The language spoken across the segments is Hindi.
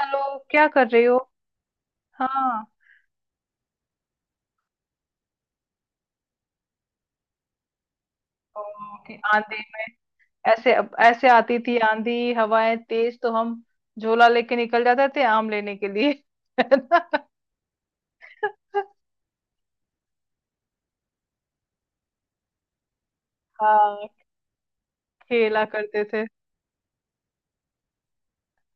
हेलो। क्या कर रही हो? हाँ। ओ, कि आंधी में ऐसे ऐसे आती थी आंधी। हवाएं तेज तो हम झोला लेके निकल जाते थे आम लेने के लिए। है ना? हाँ, खेला करते थे।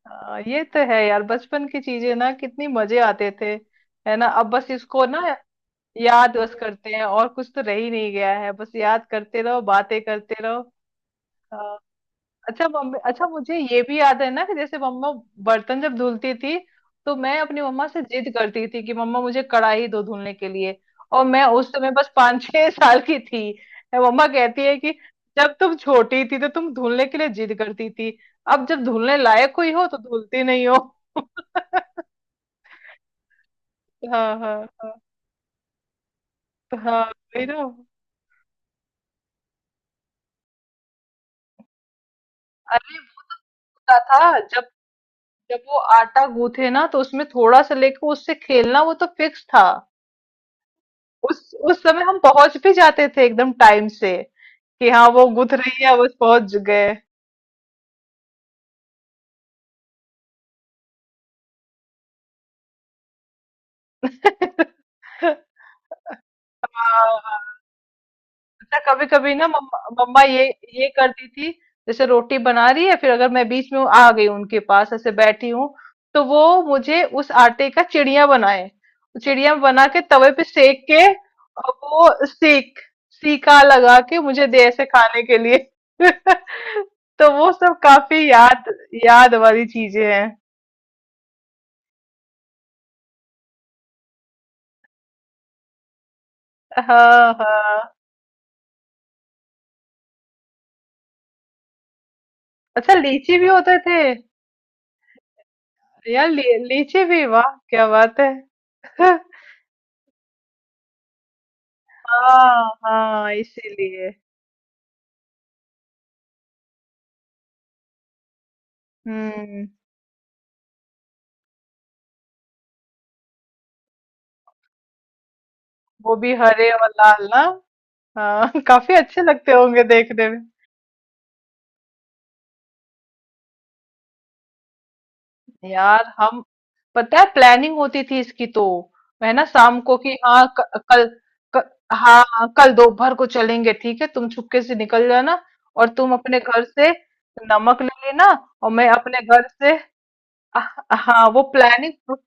हाँ, ये तो है यार, बचपन की चीजें ना कितनी मजे आते थे। है ना? अब बस इसको ना याद बस करते हैं, और कुछ तो रह ही नहीं गया है। बस याद करते रहो, बातें करते रहो। हाँ। अच्छा मम्मी, अच्छा मुझे ये भी याद है ना कि जैसे मम्मा बर्तन जब धुलती थी तो मैं अपनी मम्मा से जिद करती थी कि मम्मा मुझे कढ़ाई दो धुलने के लिए। और मैं उस समय बस 5 6 साल की थी। मैं, मम्मा कहती है कि जब तुम छोटी थी तो तुम धुलने के लिए जिद करती थी, अब जब धुलने लायक हुई हो तो धुलती नहीं हो। हाँ हाँ हाँ। तो हाँ, वही ना। अरे होता था, जब जब वो आटा गूथे ना तो उसमें थोड़ा सा लेके उससे खेलना वो तो फिक्स था। उस समय हम पहुंच भी जाते थे एकदम टाइम से कि हाँ वो गुथ रही है बस पहुंच गए। अच्छा कभी कभी ना मम्मा मम्मा ये करती थी, जैसे रोटी बना रही है, फिर अगर मैं बीच में आ गई उनके पास ऐसे बैठी हूँ तो वो मुझे उस आटे का चिड़िया बनाए, चिड़िया बना के तवे पे सेक के और वो सीका लगा के मुझे दे ऐसे खाने के लिए। तो वो सब काफी याद, याद वाली चीजें हैं। हाँ हाँ। अच्छा लीची भी होते थे यार। लीची भी, वाह क्या बात है। हाँ हाँ, इसीलिए। हम्म। वो भी हरे और लाल ना। हाँ, काफी अच्छे लगते होंगे देखने में। यार हम, पता है, प्लानिंग होती थी इसकी तो। है ना? शाम को कि हाँ, कल क, हाँ हाँ, कल दोपहर को चलेंगे ठीक है, तुम चुपके से निकल जाना और तुम अपने घर से नमक ले लेना, और मैं अपने घर से। हाँ, वो प्लानिंग,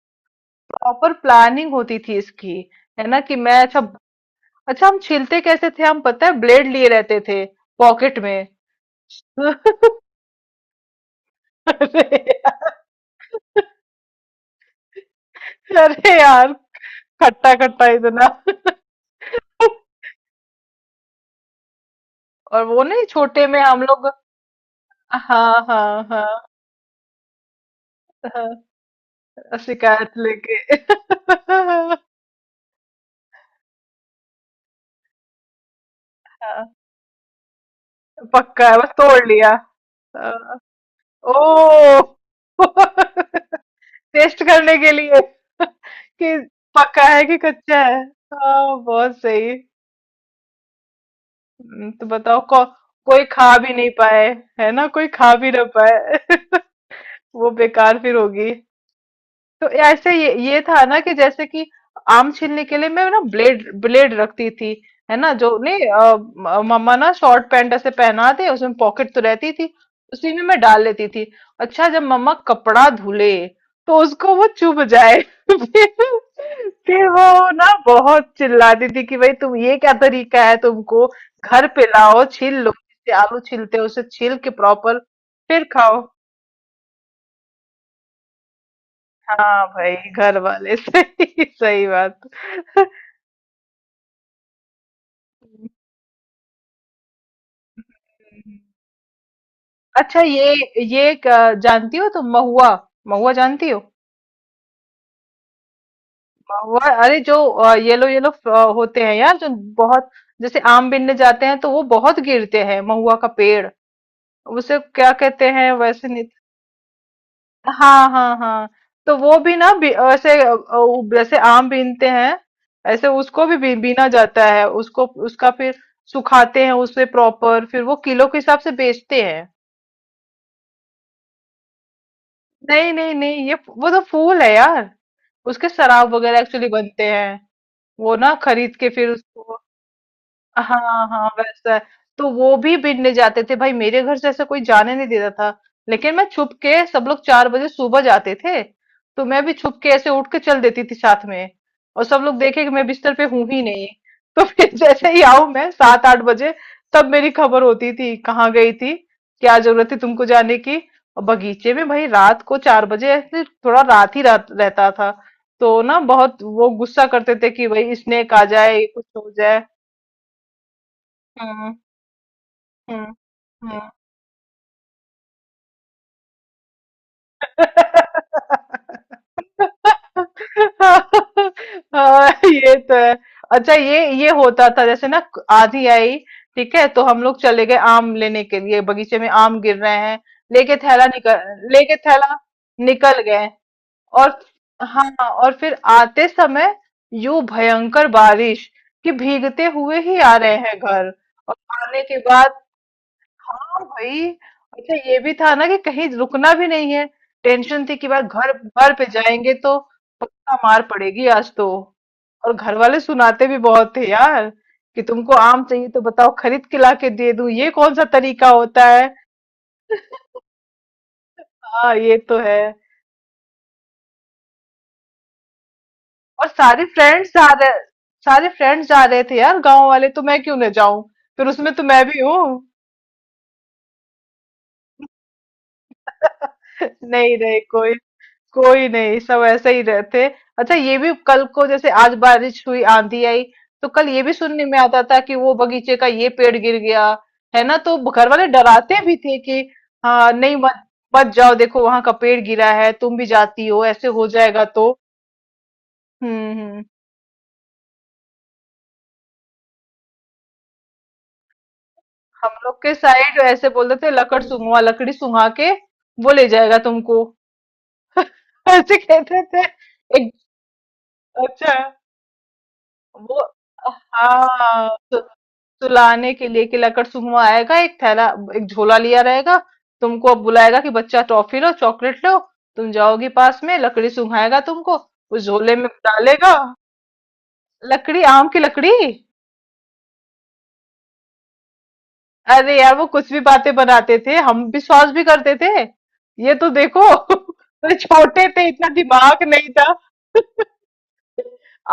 प्रॉपर प्लानिंग होती थी इसकी। है ना? कि मैं, अच्छा। अच्छा हम छीलते कैसे थे? हम, पता है, ब्लेड लिए रहते थे पॉकेट में। अरे यार, अरे यार, खट्टा खट्टा इतना। और वो नहीं, छोटे में हम लोग। हाँ हाँ हाँ हाँ, शिकायत लेके। हाँ, पक्का है, बस तोड़ लिया। हाँ, ओ। टेस्ट करने के लिए कि पक्का है कि कच्चा है। हाँ बहुत सही। तो बताओ कोई खा भी नहीं पाए, है ना? कोई खा भी ना पाए। वो बेकार फिर होगी। तो ऐसे ये था ना कि जैसे कि आम छीलने के लिए मैं ना ब्लेड ब्लेड रखती थी, है ना? जो नहीं मम्मा ना शॉर्ट पैंट ऐसे पहना दे, उसमें पॉकेट तो रहती थी, उसी में मैं डाल लेती थी। अच्छा जब मम्मा कपड़ा धुले तो उसको वो चुभ जाए। फिर फिर वो ना बहुत चिल्लाती थी कि भाई तुम, ये क्या तरीका है? तुमको घर पे लाओ, छील लो, जिससे आलू छीलते हो उसे छील के प्रॉपर फिर खाओ। हाँ भाई, घर वाले। सही सही बात। हम्म। अच्छा ये जानती हो तुम महुआ? महुआ जानती हो? महुआ अरे, जो येलो येलो होते हैं यार, जो बहुत, जैसे आम बिनने जाते हैं तो वो बहुत गिरते हैं महुआ का पेड़। उसे क्या कहते हैं वैसे, नहीं तो। हाँ हाँ हाँ। तो वो भी ना, ऐसे जैसे आम बीनते हैं ऐसे उसको भी बीना जाता है, उसको उसका फिर सुखाते हैं उसे प्रॉपर, फिर वो किलो के हिसाब से बेचते हैं। नहीं नहीं नहीं, ये वो तो फूल है यार। उसके शराब वगैरह एक्चुअली बनते हैं। वो ना खरीद के फिर उसको। हाँ, हाँ, वैसा है। तो वो भी बीनने जाते थे भाई, मेरे घर से ऐसा कोई जाने नहीं देता था, लेकिन मैं छुप के, सब लोग 4 बजे सुबह जाते थे तो मैं भी छुप के ऐसे उठ के चल देती थी साथ में। और सब लोग देखे कि मैं बिस्तर पे हूं ही नहीं, तो फिर जैसे ही आऊं मैं 7 8 बजे, तब मेरी खबर होती थी, कहाँ गई थी, क्या जरूरत थी तुमको जाने की। और बगीचे में भाई, रात को 4 बजे ऐसे थोड़ा रात ही रात रहता था, तो ना बहुत वो गुस्सा करते थे कि भाई स्नेक आ जाए, कुछ हो जाए। हम्म हम्म। हाँ ये तो है। अच्छा ये होता था, जैसे ना आंधी आई, ठीक है, तो हम लोग चले गए आम लेने के लिए बगीचे में, आम गिर रहे हैं, लेके थैला निकल गए। और हाँ, और फिर आते समय यूं भयंकर बारिश कि भीगते हुए ही आ रहे हैं घर। और आने के बाद, हाँ भाई। अच्छा ये भी था ना कि कहीं रुकना भी नहीं है, टेंशन थी कि बार घर घर पे जाएंगे तो पक्का मार पड़ेगी आज तो। और घर वाले सुनाते भी बहुत थे यार कि तुमको आम चाहिए तो बताओ, खरीद के ला के दे दूं, ये कौन सा तरीका होता है। हाँ ये तो है। और सारे फ्रेंड्स जा रहे थे यार गांव वाले, तो मैं क्यों ना जाऊं? फिर उसमें तो मैं भी हूँ। नहीं नहीं कोई, कोई नहीं, सब ऐसे ही रहते। अच्छा ये भी, कल को जैसे आज बारिश हुई आंधी आई तो कल ये भी सुनने में आता था कि वो बगीचे का ये पेड़ गिर गया, है ना? तो घर वाले डराते भी थे कि हाँ नहीं, मत मत जाओ, देखो वहां का पेड़ गिरा है, तुम भी जाती हो ऐसे हो जाएगा तो। हम्म। हम लोग के साइड ऐसे बोलते थे, लकड़ सुंघवा, लकड़ी सुंघा के वो ले जाएगा तुमको। ऐसे कहते थे। एक अच्छा वो, हाँ, सुलाने के लिए कि लकड़ सुगमा आएगा, एक झोला लिया रहेगा, तुमको अब बुलाएगा कि बच्चा टॉफी लो चॉकलेट लो, तुम जाओगी पास में, लकड़ी सुंघाएगा तुमको, उस झोले में डालेगा। लकड़ी, आम की लकड़ी। अरे यार, वो कुछ भी बातें बनाते थे, हम विश्वास भी करते थे। ये तो देखो। तो छोटे थे, इतना दिमाग नहीं था।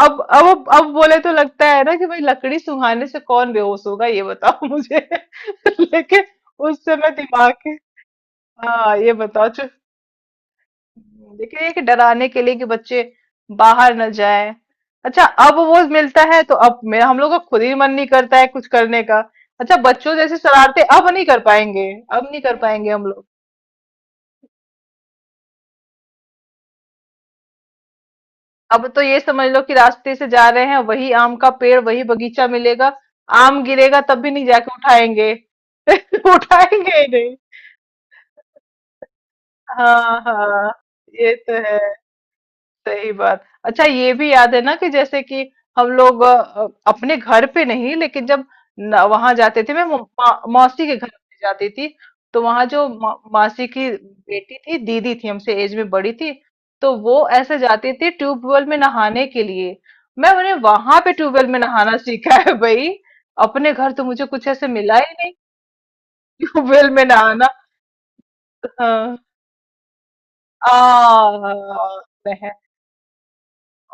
अब बोले तो लगता है ना कि भाई, लकड़ी सुंघाने से कौन बेहोश होगा, ये बताओ मुझे। लेकिन उस समय दिमाग के, हाँ ये बताओ। देखिए कि डराने के लिए कि बच्चे बाहर न जाएं। अच्छा अब वो मिलता है तो अब मेरा, हम लोग का खुद ही मन नहीं करता है कुछ करने का। अच्छा बच्चों जैसे शरारते अब नहीं कर पाएंगे, अब नहीं कर पाएंगे हम लोग। अब तो ये समझ लो कि रास्ते से जा रहे हैं वही आम का पेड़, वही बगीचा मिलेगा, आम गिरेगा तब भी नहीं जाके उठाएंगे। उठाएंगे ही नहीं। हाँ हाँ ये तो है, सही बात। अच्छा ये भी याद है ना कि जैसे कि हम लोग अपने घर पे नहीं, लेकिन जब वहां जाते थे, मैं मौसी के घर पे जाती थी, तो वहां जो मासी की बेटी थी, दीदी थी, हमसे एज में बड़ी थी, तो वो ऐसे जाती थी ट्यूबवेल में नहाने के लिए। मैं उन्हें वहां पे ट्यूबवेल में नहाना सीखा है भाई। अपने घर तो मुझे कुछ ऐसे मिला ही नहीं, ट्यूबवेल में नहाना। हाँ। आ,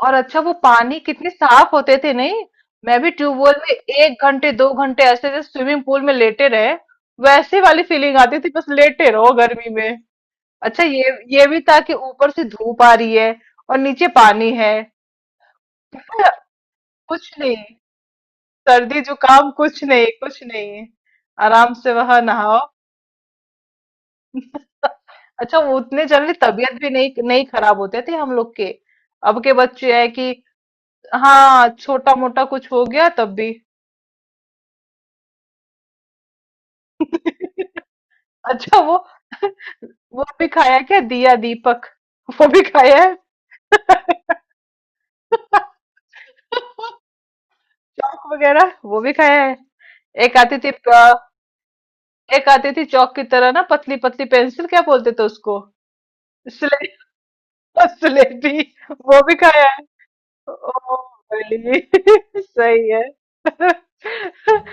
और अच्छा वो पानी कितने साफ होते थे, नहीं? मैं भी ट्यूबवेल में 1 घंटे 2 घंटे ऐसे, जैसे स्विमिंग पूल में लेटे रहे वैसे वाली फीलिंग आती थी, बस लेटे रहो गर्मी में। अच्छा ये भी था कि ऊपर से धूप आ रही है और नीचे पानी है, कुछ नहीं, सर्दी जुकाम कुछ नहीं कुछ नहीं, आराम से वहां नहाओ। अच्छा वो उतने जल्दी तबीयत भी नहीं नहीं खराब होते थे हम लोग के। अब के बच्चे हैं कि, हाँ छोटा मोटा कुछ हो गया तब भी। अच्छा वो भी खाया है, क्या? दिया, दीपक वो भी खाया है, दीपक वगैरह वो भी खाया है। एक आती थी अ, एक आती थी चौक की तरह ना, पतली पतली पेंसिल, क्या बोलते थे उसको? स्लेटी। स्लेटी, वो भी खाया है। ओ भाई। सही है।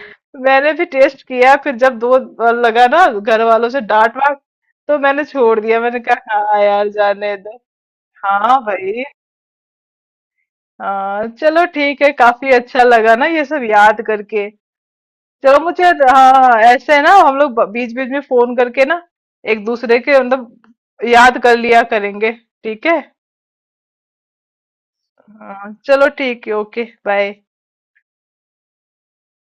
मैंने भी टेस्ट किया, फिर जब 2 बार लगा ना घर वालों से डांट वाट, तो मैंने छोड़ दिया। मैंने कहा हाँ यार जाने दो। हाँ भाई। हाँ चलो ठीक है, काफी अच्छा लगा ना ये सब याद करके। चलो मुझे, हाँ, हाँ, ऐसे है ना, हम लोग बीच बीच में फोन करके ना एक दूसरे के मतलब याद कर लिया करेंगे। ठीक है? हाँ, चलो ठीक है, ओके बाय।